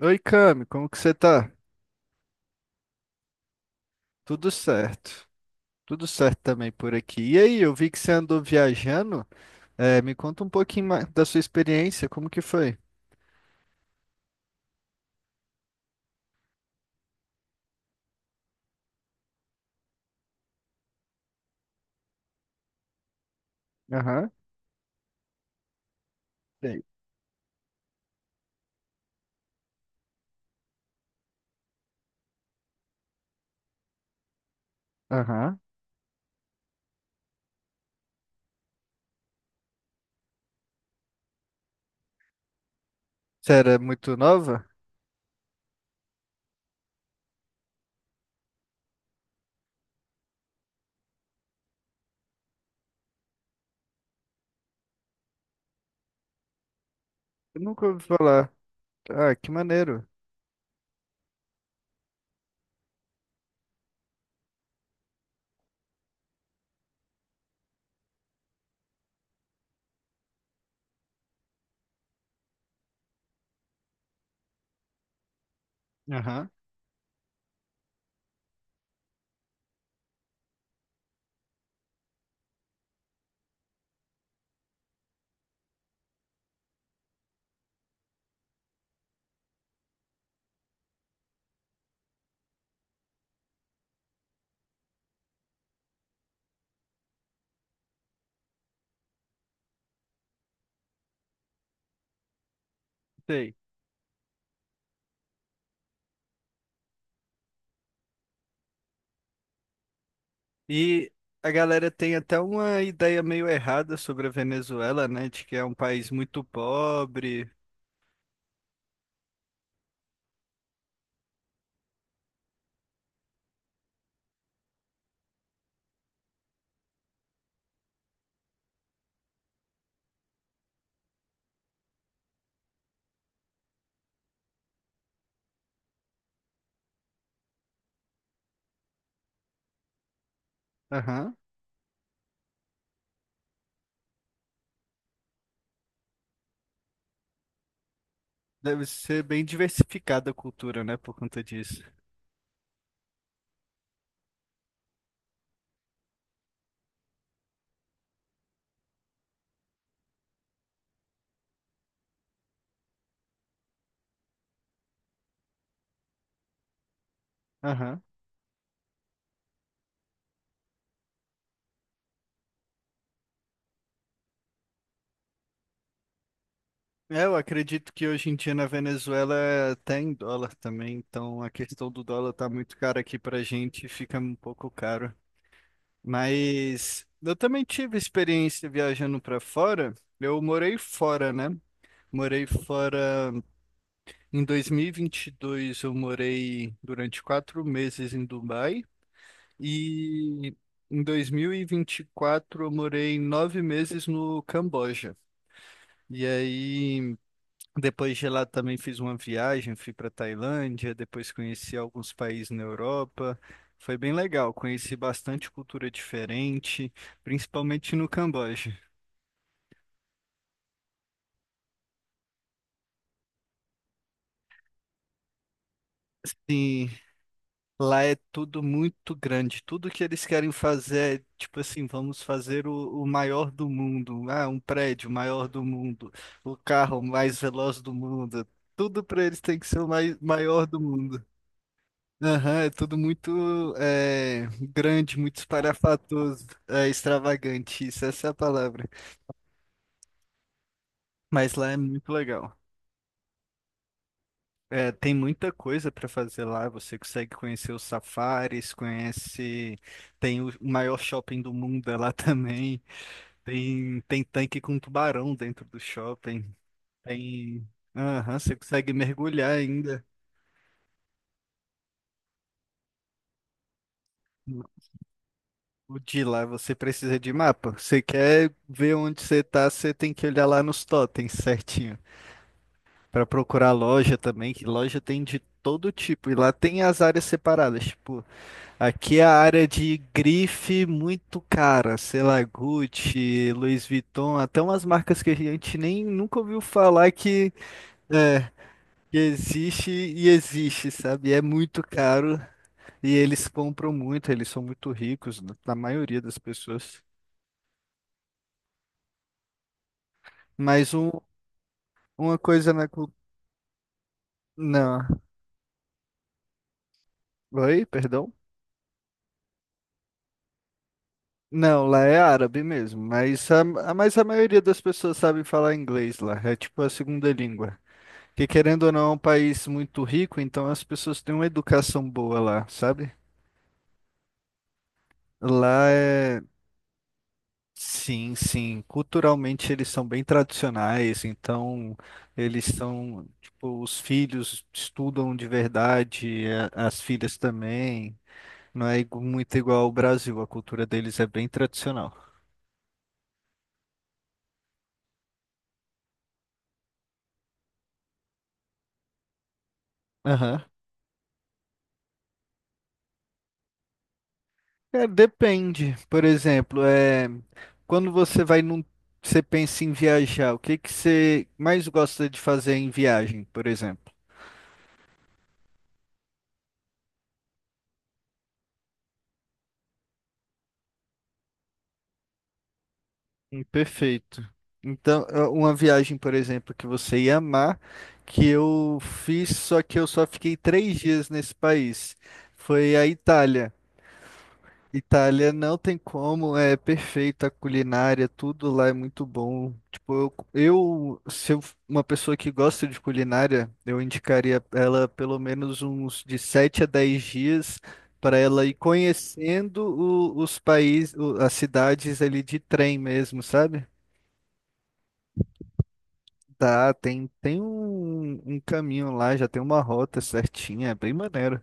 Oi, Cami, como que você tá? Tudo certo. Tudo certo também por aqui. E aí, eu vi que você andou viajando. É, me conta um pouquinho mais da sua experiência, como que foi? Aham. Sei. Aham. Você era muito nova? Eu nunca ouvi falar. Ah, que maneiro. Aham. Sei. E a galera tem até uma ideia meio errada sobre a Venezuela, né? De que é um país muito pobre. Aham. Deve ser bem diversificada a cultura, né? Por conta disso. Aham. É, eu acredito que hoje em dia na Venezuela é até em dólar também, então a questão do dólar tá muito cara aqui pra gente, fica um pouco caro. Mas eu também tive experiência viajando pra fora. Eu morei fora, né? Morei fora em 2022, eu morei durante 4 meses em Dubai e em 2024 eu morei 9 meses no Camboja. E aí, depois de lá também fiz uma viagem, fui para Tailândia, depois conheci alguns países na Europa. Foi bem legal, conheci bastante cultura diferente, principalmente no Camboja. Sim, lá é tudo muito grande. Tudo que eles querem fazer é tipo assim, vamos fazer o maior do mundo. Ah, um prédio maior do mundo, o carro mais veloz do mundo. Tudo para eles tem que ser o maior do mundo. Aham, é tudo muito grande, muito espalhafatoso, extravagante, isso, essa é a palavra. Mas lá é muito legal. É, tem muita coisa para fazer lá, você consegue conhecer os safaris, conhece, tem o maior shopping do mundo é lá também, tem tanque com tubarão dentro do shopping, tem... Aham, você consegue mergulhar ainda. O de lá você precisa de mapa. Você quer ver onde você tá, você tem que olhar lá nos totens certinho. Pra procurar loja também, que loja tem de todo tipo. E lá tem as áreas separadas. Tipo, aqui é a área de grife muito cara, sei lá, Gucci, Louis Vuitton, até umas marcas que a gente nem nunca ouviu falar é, que existe e existe, sabe? E é muito caro. E eles compram muito, eles são muito ricos, na maioria das pessoas. Mas uma coisa na. Não. Oi, perdão? Não, lá é árabe mesmo, mas a maioria das pessoas sabe falar inglês lá, é tipo a segunda língua. Que querendo ou não, é um país muito rico, então as pessoas têm uma educação boa lá, sabe? Lá é. Sim, sim. Culturalmente eles são bem tradicionais, então eles são. Tipo, os filhos estudam de verdade, as filhas também. Não é muito igual ao Brasil, a cultura deles é bem tradicional. Aham. É, depende. Por exemplo, é, quando você vai num, você pensa em viajar, o que que você mais gosta de fazer em viagem, por exemplo? Perfeito. Então, é uma viagem, por exemplo, que você ia amar, que eu fiz, só que eu só fiquei 3 dias nesse país. Foi a Itália. Itália não tem como, é perfeita a culinária, tudo lá é muito bom. Tipo, eu se eu, uma pessoa que gosta de culinária, eu indicaria ela pelo menos uns de 7 a 10 dias para ela ir conhecendo os países, as cidades ali de trem mesmo, sabe? Tá, tem um caminho lá, já tem uma rota certinha, é bem maneiro.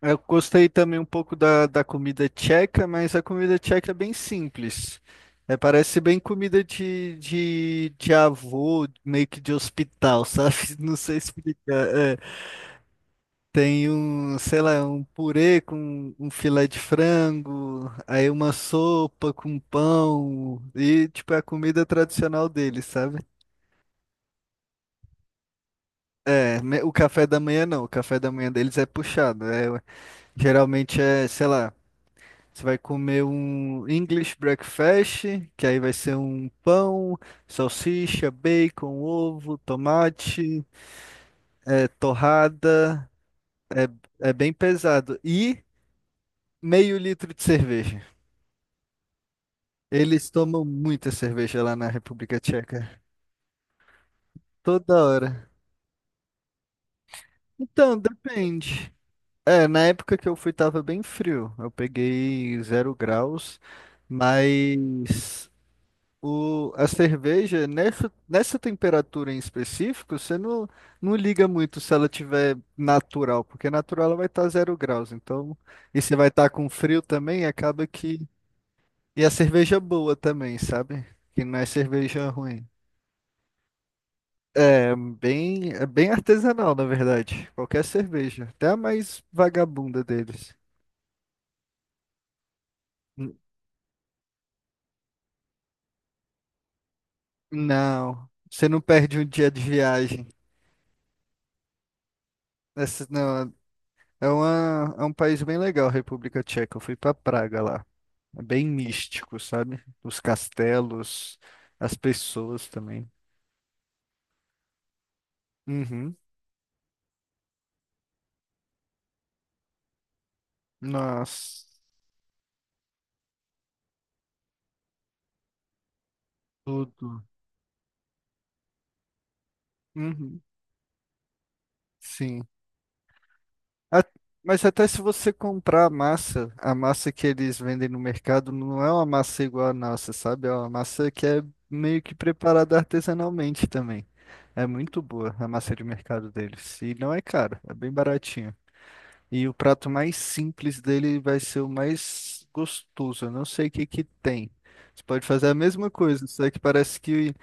Eu gostei também um pouco da comida tcheca, mas a comida tcheca é bem simples. É, parece bem comida de avô, meio que de hospital, sabe? Não sei explicar. É, tem um, sei lá, um purê com um filé de frango, aí uma sopa com pão, e tipo, é a comida tradicional deles, sabe? É, o café da manhã não, o café da manhã deles é puxado. Geralmente é, sei lá. Você vai comer um English breakfast, que aí vai ser um pão, salsicha, bacon, ovo, tomate, torrada. É, é bem pesado. E meio litro de cerveja. Eles tomam muita cerveja lá na República Tcheca. Toda hora. Então, depende. É, na época que eu fui tava bem frio. Eu peguei 0 graus, mas a cerveja, nessa temperatura em específico, você não liga muito se ela tiver natural, porque natural ela vai estar 0 graus. Então, e você vai estar com frio também, acaba que. E a cerveja boa também, sabe? Que não é cerveja ruim. É bem artesanal, na verdade. Qualquer cerveja, até a mais vagabunda deles. N- Não, você não perde um dia de viagem. Essa, não, é, é um país bem legal, a República Tcheca. Eu fui pra Praga lá. É bem místico, sabe? Os castelos, as pessoas também. Uhum. Nossa, tudo. Uhum. Sim. A- Mas até se você comprar a massa, que eles vendem no mercado não é uma massa igual a nossa, sabe? É uma massa que é meio que preparada artesanalmente também. É muito boa a massa de mercado deles. E não é caro, é bem baratinho. E o prato mais simples dele vai ser o mais gostoso. Eu não sei o que que tem. Você pode fazer a mesma coisa, só que parece que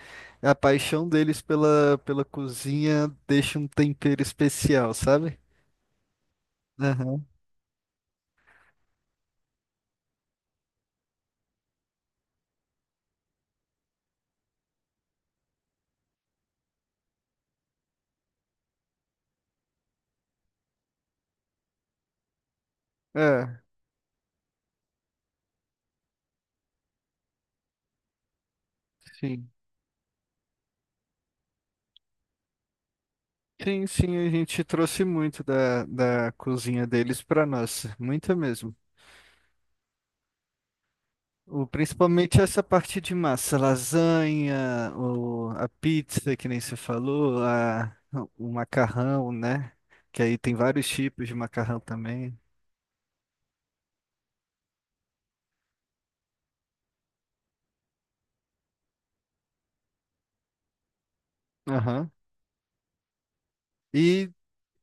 a paixão deles pela cozinha deixa um tempero especial, sabe? Aham. É, sim. Sim, sim, a gente trouxe muito da cozinha deles para nós, muita mesmo. Principalmente essa parte de massa, lasanha, a pizza, que nem você falou, o macarrão, né? Que aí tem vários tipos de macarrão também. Aham. E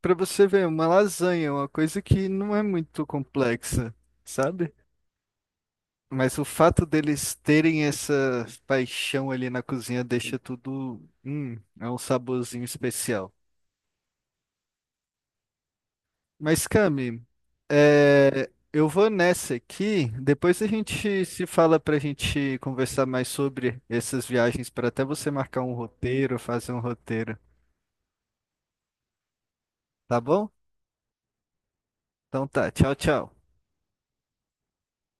para você ver, uma lasanha é uma coisa que não é muito complexa, sabe? Mas o fato deles terem essa paixão ali na cozinha deixa tudo, é um saborzinho especial. Mas, Cami, eu vou nessa aqui. Depois a gente se fala para a gente conversar mais sobre essas viagens, para até você marcar um roteiro, fazer um roteiro, tá bom? Então tá, tchau, tchau.